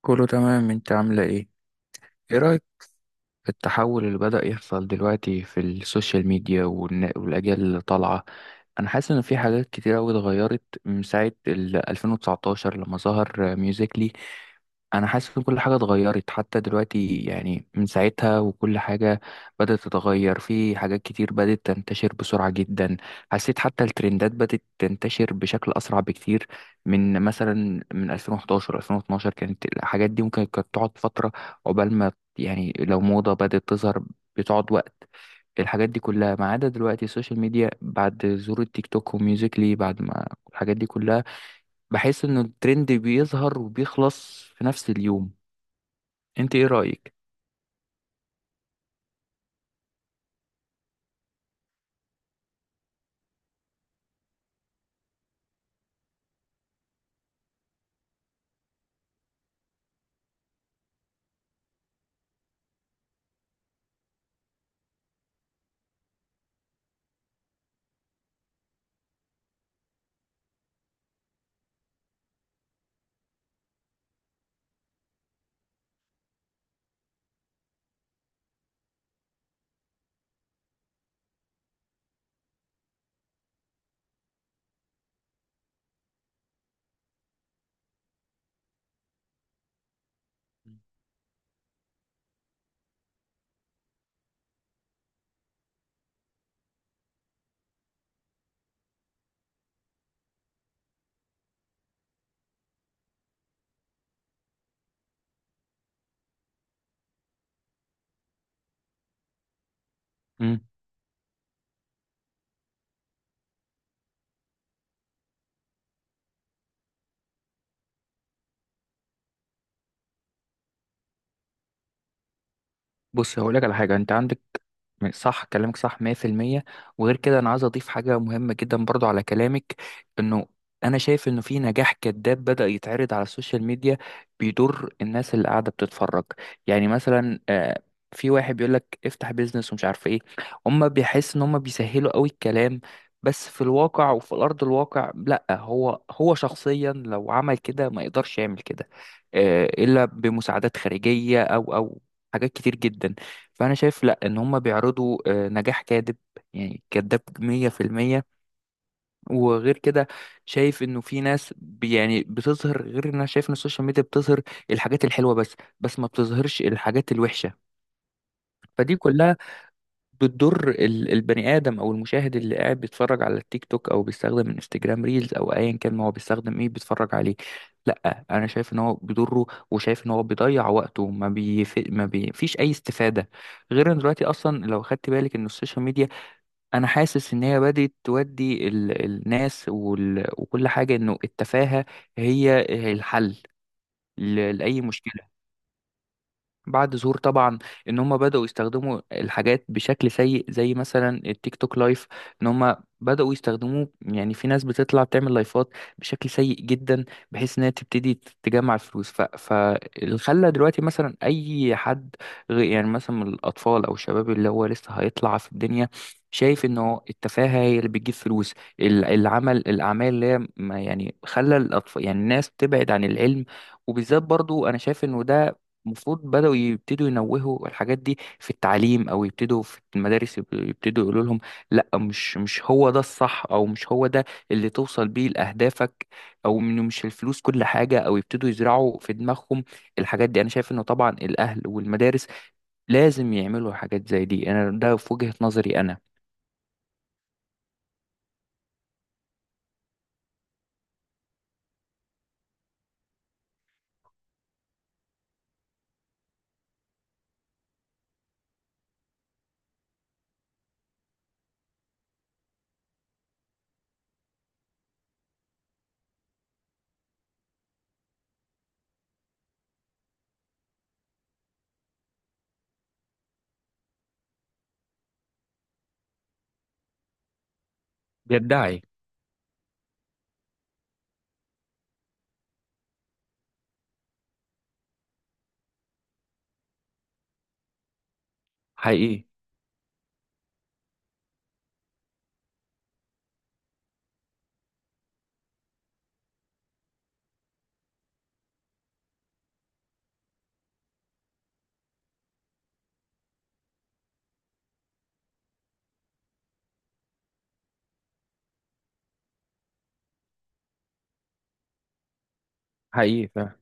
كله تمام، انت عاملة ايه؟ ايه رأيك؟ التحول اللي بدأ يحصل دلوقتي في السوشيال ميديا والأجيال اللي طالعة. أنا حاسس إن في حاجات كتير أوي اتغيرت من ساعة ال 2019 لما ظهر ميوزيكلي. أنا حاسس إن كل حاجة اتغيرت حتى دلوقتي، يعني من ساعتها وكل حاجة بدأت تتغير، في حاجات كتير بدأت تنتشر بسرعة جدا. حسيت حتى الترندات بدأت تنتشر بشكل أسرع بكتير. من مثلا من 2011 2012 كانت الحاجات دي ممكن كانت تقعد فترة عقبال ما، يعني لو موضة بدأت تظهر بتقعد وقت. الحاجات دي كلها، ما عدا دلوقتي السوشيال ميديا بعد ظهور التيك توك وميوزيكلي، بعد ما الحاجات دي كلها بحس إنه الترند بيظهر وبيخلص في نفس اليوم. أنت إيه رأيك؟ بص، هقولك على حاجة انت عندك، صح، كلامك صح 100%. وغير كده انا عايز اضيف حاجة مهمة جدا برضو على كلامك. انه انا شايف انه في نجاح كذاب بدأ يتعرض على السوشيال ميديا بيضر الناس اللي قاعدة بتتفرج. يعني مثلا، في واحد بيقولك افتح بيزنس ومش عارف ايه. هما بيحس ان هما بيسهلوا قوي الكلام. بس في الواقع وفي الارض الواقع لا، هو شخصيا لو عمل كده ما يقدرش يعمل كده، الا بمساعدات خارجية او حاجات كتير جدا. فانا شايف لا، ان هم بيعرضوا نجاح كاذب، يعني كذاب 100%. وغير كده شايف انه في ناس يعني بتظهر، غير ان انا شايف ان السوشيال ميديا بتظهر الحاجات الحلوه بس، ما بتظهرش الحاجات الوحشه. فدي كلها بتضر البني ادم او المشاهد اللي قاعد بيتفرج على التيك توك، او بيستخدم انستجرام ريلز، او ايا كان ما هو بيستخدم ايه بيتفرج عليه. لا انا شايف ان هو بيضره، وشايف ان هو بيضيع وقته، ما بيف... ما بي... فيش اي استفاده. غير ان دلوقتي اصلا لو خدت بالك ان السوشيال ميديا، انا حاسس ان هي بدات تودي الناس وكل حاجه انه التفاهه هي الحل لاي مشكله. بعد ظهور طبعا ان هم بدأوا يستخدموا الحاجات بشكل سيء، زي مثلا التيك توك لايف. ان هم بدأوا يستخدموه، يعني في ناس بتطلع تعمل لايفات بشكل سيء جدا، بحيث انها تبتدي تجمع فلوس. فاللي خلى دلوقتي مثلا اي حد، غير يعني مثلا من الاطفال او الشباب اللي هو لسه هيطلع في الدنيا، شايف انه التفاهة هي اللي بتجيب فلوس. ال- العمل الاعمال اللي هي يعني خلى الاطفال، يعني الناس تبعد عن العلم. وبالذات برضو انا شايف انه ده المفروض بدأوا يبتدوا ينوهوا الحاجات دي في التعليم، او يبتدوا في المدارس يبتدوا يقولوا لهم لا، مش هو ده الصح، او مش هو ده اللي توصل بيه لأهدافك، او انه مش الفلوس كل حاجة، او يبتدوا يزرعوا في دماغهم الحاجات دي. انا شايف انه طبعا الاهل والمدارس لازم يعملوا حاجات زي دي. انا ده في وجهة نظري انا. بيدعي. حقيقي. حقيقي.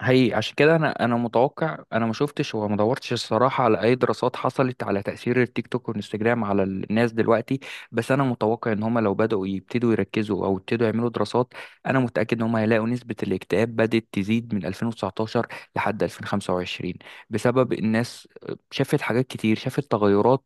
هي عشان كده انا متوقع، انا ما شفتش وما دورتش الصراحه على اي دراسات حصلت على تاثير التيك توك والانستجرام على الناس دلوقتي. بس انا متوقع ان هم لو بداوا يبتدوا يركزوا، او يبتدوا يعملوا دراسات، انا متاكد ان هم هيلاقوا نسبه الاكتئاب بدات تزيد من 2019 لحد 2025. بسبب الناس شافت حاجات كتير، شافت تغيرات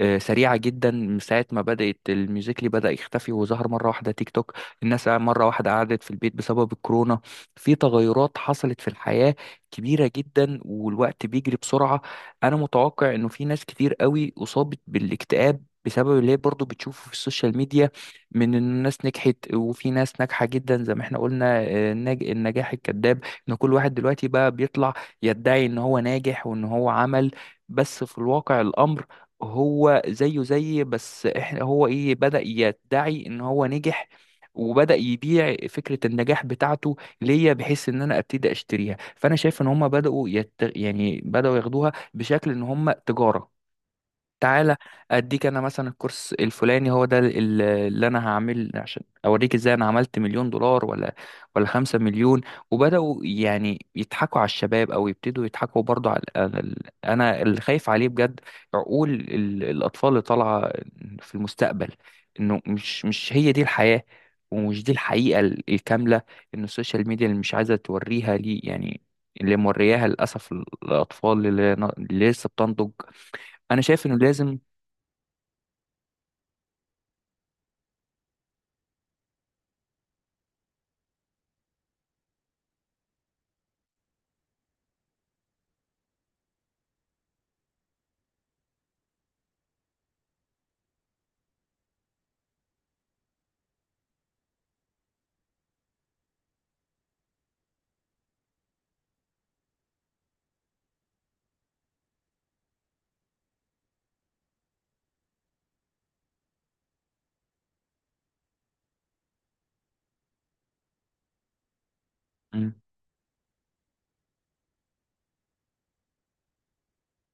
سريعة جدا، من ساعة ما بدأت الميوزيكلي بدأ يختفي وظهر مرة واحدة تيك توك. الناس مرة واحدة قعدت في البيت بسبب الكورونا. في تغيرات حصلت في الحياة كبيرة جدا، والوقت بيجري بسرعة. أنا متوقع إنه في ناس كتير قوي أصابت بالاكتئاب بسبب اللي هي برضه بتشوفه في السوشيال ميديا، من إن الناس نجحت وفي ناس ناجحة جدا زي ما احنا قلنا، النجاح الكذاب. إن كل واحد دلوقتي بقى بيطلع يدعي إن هو ناجح وإن هو عمل، بس في الواقع الأمر هو زيه زي بس احنا، هو ايه بدأ يدعي ان هو نجح وبدأ يبيع فكرة النجاح بتاعته ليا بحيث ان انا ابتدي اشتريها. فانا شايف ان هم بداوا يعني بداوا ياخدوها بشكل ان هم تجاره. تعالى اديك انا مثلا، الكورس الفلاني هو ده اللي انا هعمل عشان اوريك ازاي انا عملت مليون دولار، ولا خمسة مليون. وبدأوا يعني يضحكوا على الشباب، او يبتدوا يضحكوا برضو على انا اللي خايف عليه بجد عقول الاطفال اللي طالعة في المستقبل. انه مش هي دي الحياة، ومش دي الحقيقة الكاملة، ان السوشيال ميديا اللي مش عايزة توريها لي، يعني اللي مورياها للأسف الأطفال اللي لسه بتنضج. أنا شايف إنه لازم. مم.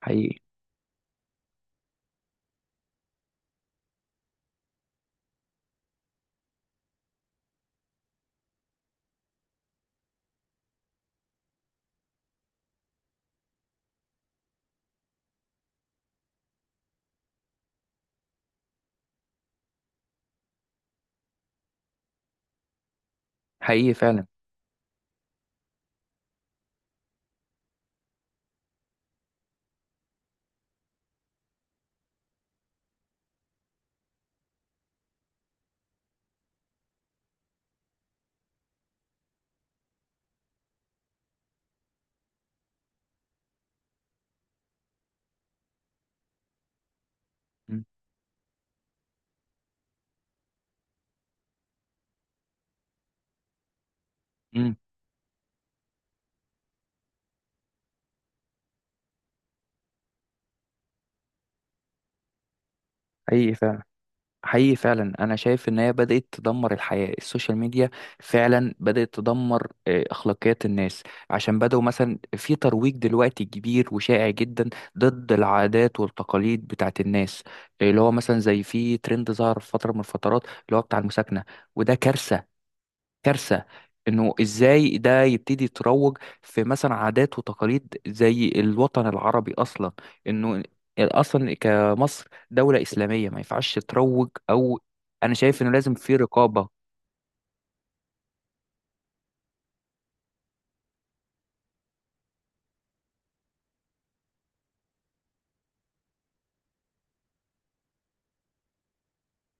حقيقي. حقيقي فعلا. مم. مم. حقيقي فعلا. حقيقي فعلا، انا شايف ان هي بدأت تدمر الحياة السوشيال ميديا. فعلا بدأت تدمر اخلاقيات الناس، عشان بدأوا مثلا في ترويج دلوقتي كبير وشائع جدا ضد العادات والتقاليد بتاعت الناس. اللي هو مثلا زي في ترند ظهر في فترة من الفترات اللي هو بتاع المساكنة، وده كارثة. كارثة انه ازاي ده يبتدي يتروج في مثلا عادات وتقاليد زي الوطن العربي اصلا، انه اصلا كمصر دولة اسلامية ما ينفعش تروج. او انا شايف انه لازم في رقابة.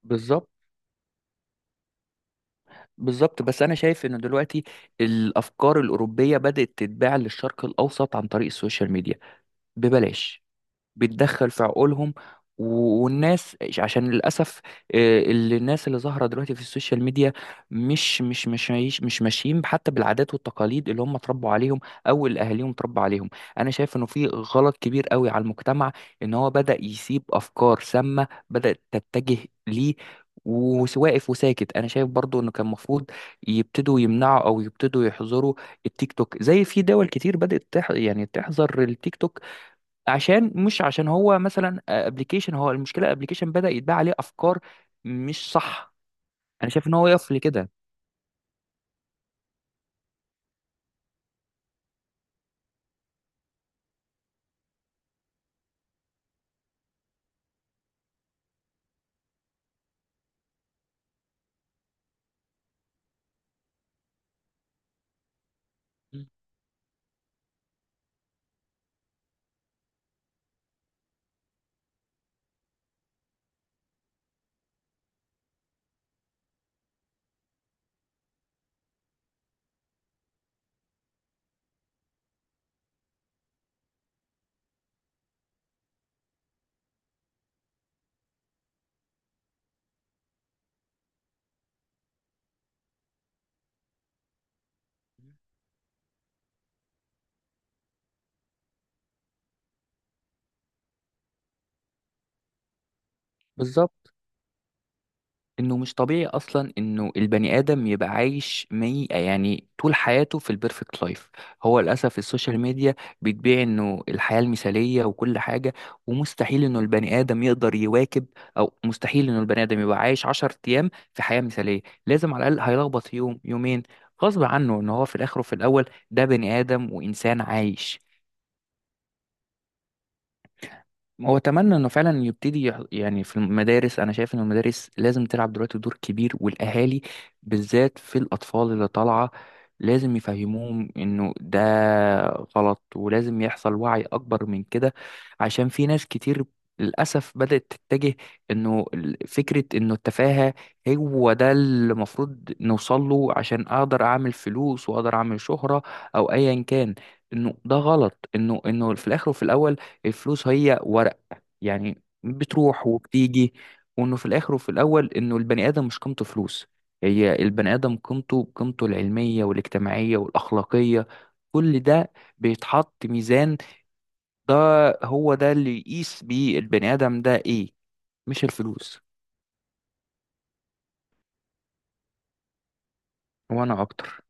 بالظبط. بالظبط، بس انا شايف انه دلوقتي الافكار الاوروبية بدأت تتباع للشرق الاوسط عن طريق السوشيال ميديا ببلاش، بتدخل في عقولهم. والناس عشان للاسف، آه، اللي الناس اللي ظاهره دلوقتي في السوشيال ميديا مش ماشيين حتى بالعادات والتقاليد اللي هم اتربوا عليهم، او اللي اهاليهم اتربوا عليهم. انا شايف انه في غلط كبير قوي على المجتمع ان هو بدا يسيب افكار سامه بدات تتجه ليه، وواقف وساكت. انا شايف برضو انه كان المفروض يبتدوا يمنعوا او يبتدوا يحظروا التيك توك، زي في دول كتير بدات يعني تحظر التيك توك. عشان مش، عشان هو مثلا ابلكيشن، هو المشكله ابلكيشن بدأ يتباع عليه افكار مش صح. انا شايف ان هو يقف لكده. مم. بالظبط، انه مش طبيعي اصلا انه البني ادم يبقى عايش يعني طول حياته في البيرفكت لايف. هو للاسف السوشيال ميديا بتبيع انه الحياه المثاليه وكل حاجه، ومستحيل انه البني ادم يقدر يواكب، او مستحيل انه البني ادم يبقى عايش 10 ايام في حياه مثاليه. لازم على الاقل هيلخبط يوم يومين، غصب عنه، ان هو في الاخر وفي الاول ده بني ادم وانسان عايش. هو اتمنى انه فعلا يبتدي يعني في المدارس انا شايف ان المدارس لازم تلعب دلوقتي دور كبير، والاهالي بالذات في الاطفال اللي طالعه لازم يفهموهم انه ده غلط، ولازم يحصل وعي اكبر من كده. عشان في ناس كتير للاسف بدات تتجه انه فكره انه التفاهه هو ده اللي المفروض نوصل له عشان اقدر اعمل فلوس واقدر اعمل شهره، او ايا كان. انه ده غلط، انه في الاخر وفي الاول الفلوس هي ورق، يعني بتروح وبتيجي. وانه في الاخر وفي الاول انه البني ادم مش قيمته فلوس، هي البني ادم قيمته بقيمته العلميه والاجتماعيه والاخلاقيه، كل ده بيتحط ميزان ده. هو ده اللي يقيس بيه البني ادم ده ايه، مش الفلوس. وانا اكتر.